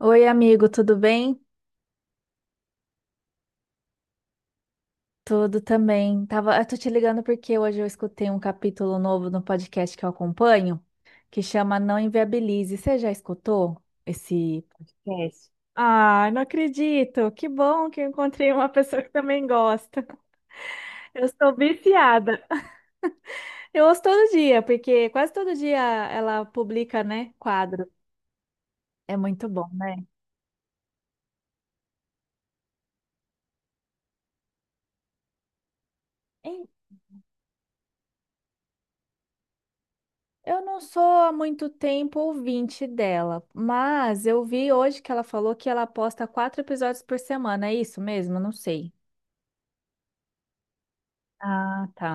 Oi, amigo, tudo bem? Tudo também. Eu tô te ligando porque hoje eu escutei um capítulo novo no podcast que eu acompanho, que chama Não Inviabilize. Você já escutou esse podcast? Ah, não acredito. Que bom que eu encontrei uma pessoa que também gosta. Eu sou viciada. Eu ouço todo dia, porque quase todo dia ela publica, né, quadro. É muito bom, né? Eu não sou há muito tempo ouvinte dela, mas eu vi hoje que ela falou que ela posta quatro episódios por semana. É isso mesmo? Não sei. Ah, tá.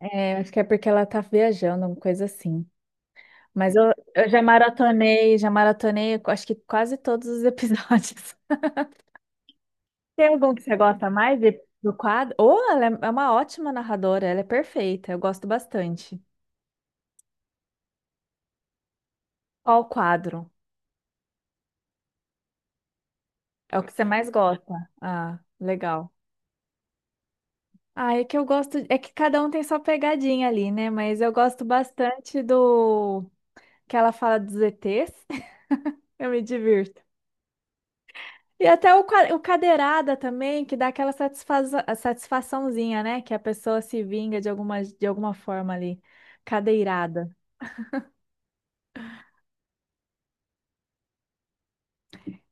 É, acho que é porque ela tá viajando, uma coisa assim. Mas eu já maratonei, acho que quase todos os episódios. Tem algum que você gosta mais? E do quadro. Ou ela é uma ótima narradora, ela é perfeita, eu gosto bastante. Qual o quadro? É o que você mais gosta? Ah, legal. Ah, é que eu gosto. É que cada um tem sua pegadinha ali, né? Mas eu gosto bastante do que ela fala dos ETs. Eu me divirto. E até o cadeirada também, que dá aquela satisfaçãozinha, né? Que a pessoa se vinga de alguma forma ali. Cadeirada.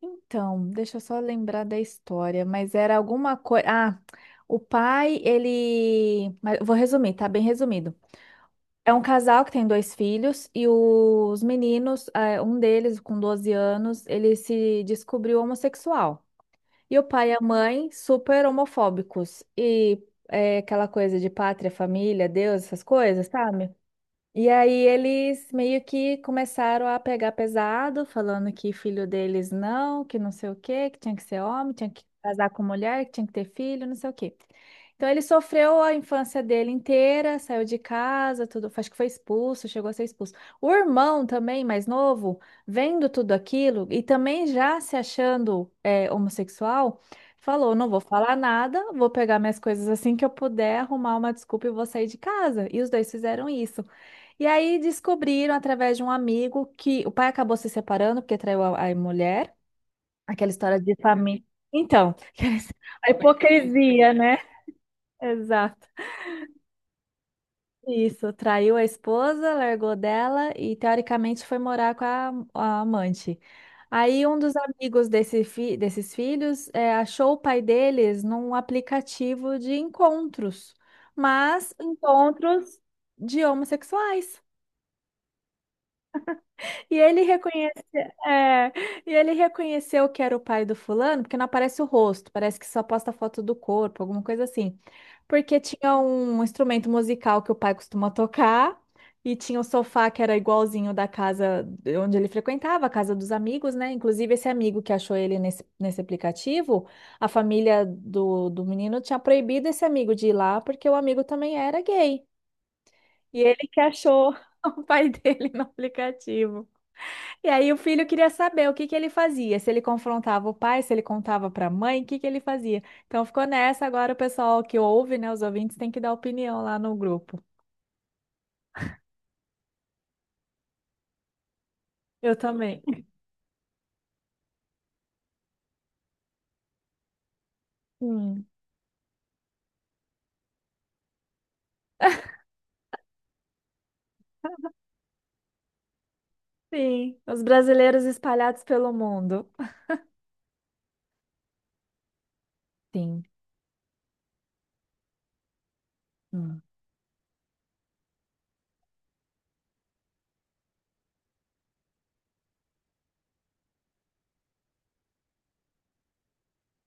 Então, deixa eu só lembrar da história, mas era alguma coisa. Ah, o pai, ele, mas eu vou resumir, tá bem resumido. É um casal que tem dois filhos e os meninos, um deles com 12 anos, ele se descobriu homossexual. E o pai e a mãe super homofóbicos. E é aquela coisa de pátria, família, Deus, essas coisas, sabe? E aí eles meio que começaram a pegar pesado, falando que filho deles não, que não sei o quê, que tinha que ser homem, tinha que casar com mulher, que tinha que ter filho, não sei o quê. Então ele sofreu a infância dele inteira, saiu de casa, tudo, acho que foi expulso, chegou a ser expulso. O irmão também, mais novo, vendo tudo aquilo e também já se achando homossexual, falou: não vou falar nada, vou pegar minhas coisas assim que eu puder, arrumar uma desculpa e vou sair de casa. E os dois fizeram isso. E aí descobriram através de um amigo que o pai acabou se separando porque traiu a mulher. Aquela história de família. Então, a hipocrisia, né? Exato. Isso, traiu a esposa, largou dela e teoricamente foi morar com a amante. Aí um dos amigos desses filhos achou o pai deles num aplicativo de encontros, mas encontros de homossexuais. E ele reconheceu É, e ele reconheceu que era o pai do fulano, porque não aparece o rosto, parece que só posta foto do corpo, alguma coisa assim. Porque tinha um instrumento musical que o pai costuma tocar, e tinha o sofá que era igualzinho da casa de onde ele frequentava, a casa dos amigos, né? Inclusive, esse amigo que achou ele nesse aplicativo, a família do menino tinha proibido esse amigo de ir lá, porque o amigo também era gay. E ele que achou o pai dele no aplicativo. E aí o filho queria saber o que que ele fazia, se ele confrontava o pai, se ele contava para a mãe, o que que ele fazia. Então ficou nessa, agora o pessoal que ouve, né, os ouvintes tem que dar opinião lá no grupo. Eu também. Hum, sim, os brasileiros espalhados pelo mundo. Sim, hum,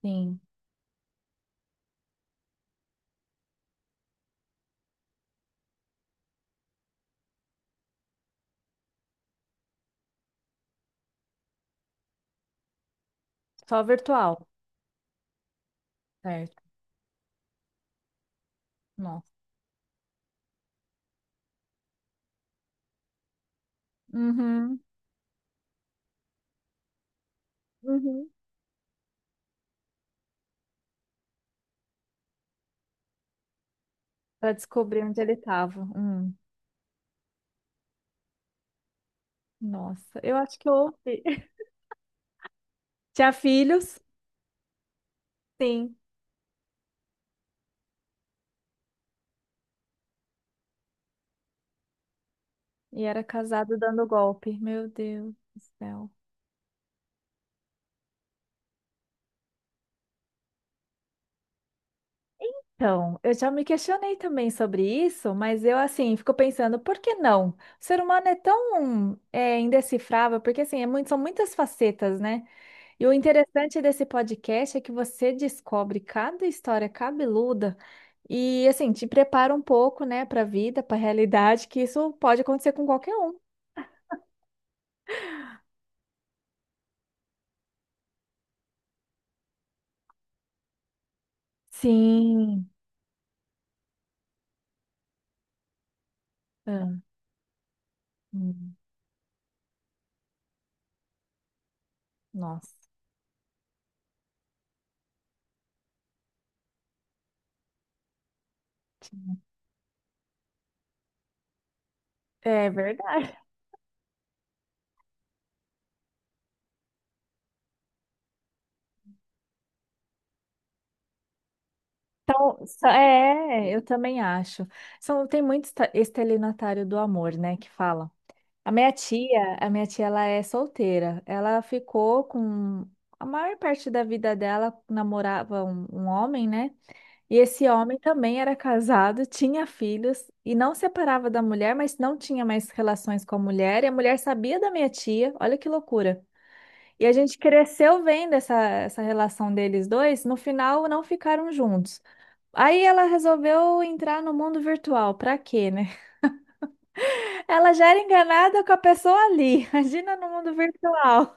sim. Só virtual, certo? Nossa. Uhum, uhum. Para descobrir onde ele estava. Nossa, eu acho que eu ouvi. Tinha filhos? Sim. E era casado dando golpe. Meu Deus do céu. Então, eu já me questionei também sobre isso, mas eu, assim, fico pensando, por que não? O ser humano é tão indecifrável, porque, assim, são muitas facetas, né? E o interessante desse podcast é que você descobre cada história cabeluda e, assim, te prepara um pouco, né, para a vida, para a realidade, que isso pode acontecer com qualquer um. Sim. Ah, hum, nossa. É verdade. É, eu também acho. São, tem muito estelionatário do amor, né, que falam. A minha tia, ela é solteira. Ela ficou com a maior parte da vida dela namorava um homem, né? E esse homem também era casado, tinha filhos e não separava da mulher, mas não tinha mais relações com a mulher. E a mulher sabia da minha tia. Olha que loucura. E a gente cresceu vendo essa relação deles dois. No final, não ficaram juntos. Aí ela resolveu entrar no mundo virtual. Pra quê, né? Ela já era enganada com a pessoa ali. Imagina no mundo virtual.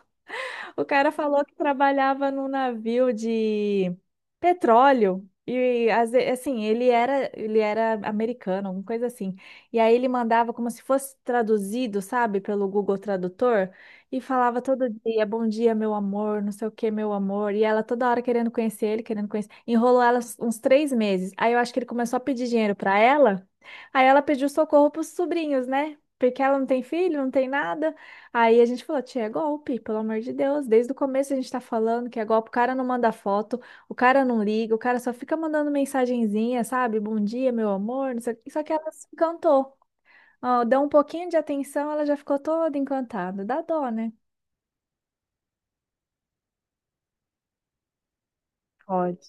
O cara falou que trabalhava num navio de petróleo. E assim, ele era americano, alguma coisa assim. E aí ele mandava como se fosse traduzido, sabe, pelo Google Tradutor, e falava todo dia, bom dia, meu amor, não sei o que, meu amor. E ela toda hora querendo conhecer ele, querendo conhecer. Enrolou ela uns 3 meses. Aí eu acho que ele começou a pedir dinheiro pra ela. Aí ela pediu socorro pros sobrinhos, né? Porque ela não tem filho, não tem nada. Aí a gente falou, tia, é golpe, pelo amor de Deus. Desde o começo a gente tá falando que é golpe, o cara não manda foto, o cara não liga, o cara só fica mandando mensagenzinha, sabe? Bom dia, meu amor, não sei o quê. Só que ela se encantou. Ó, deu um pouquinho de atenção, ela já ficou toda encantada. Dá dó, né? Pode.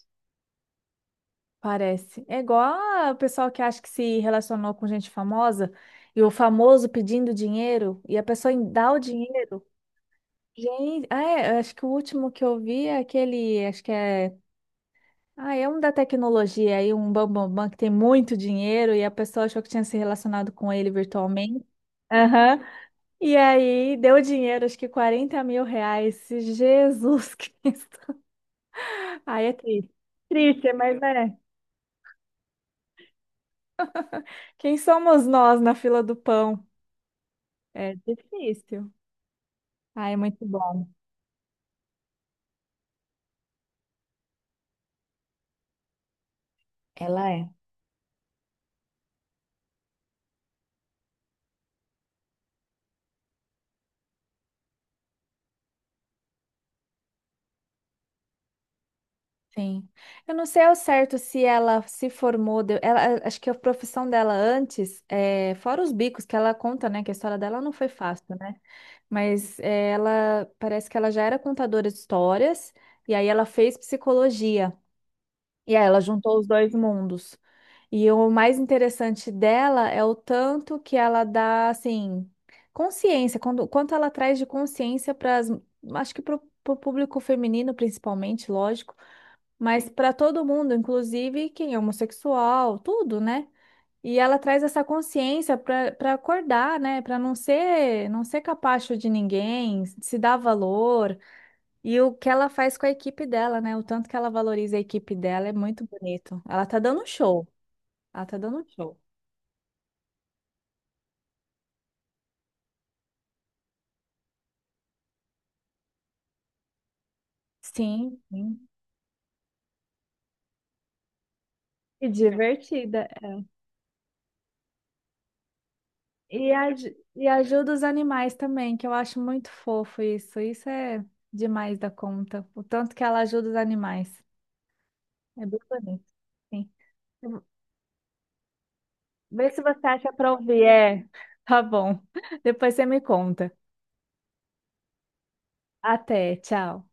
Parece. É igual o pessoal que acha que se relacionou com gente famosa e o famoso pedindo dinheiro e a pessoa dá o dinheiro. Gente, ah, é, eu acho que o último que eu vi é aquele, acho que é. Ah, é um da tecnologia aí, um bambambam que tem muito dinheiro e a pessoa achou que tinha se relacionado com ele virtualmente. Aham. E aí deu dinheiro, acho que R$ 40.000. Jesus Cristo. Ai, é triste. Triste, mas é. Quem somos nós na fila do pão? É difícil. Ah, é muito bom. Ela é. Sim. Eu não sei ao certo se ela se formou, ela, acho que a profissão dela antes, fora os bicos que ela conta, né, que a história dela não foi fácil, né? Mas ela parece que ela já era contadora de histórias e aí ela fez psicologia. E aí ela juntou os dois mundos. E o mais interessante dela é o tanto que ela dá, assim, consciência, quanto ela traz de consciência para as, acho que para o público feminino, principalmente, lógico, mas para todo mundo, inclusive quem é homossexual, tudo, né? E ela traz essa consciência para acordar, né? Para não ser capacho de ninguém, se dar valor. E o que ela faz com a equipe dela, né? O tanto que ela valoriza a equipe dela é muito bonito. Ela tá dando um show. Ela tá dando um show. Sim, sim. E divertida. E ajuda os animais também, que eu acho muito fofo isso. Isso é demais da conta. O tanto que ela ajuda os animais. É bem bonito. Sim. Vê se você acha pra ouvir. É, tá bom. Depois você me conta. Até, tchau.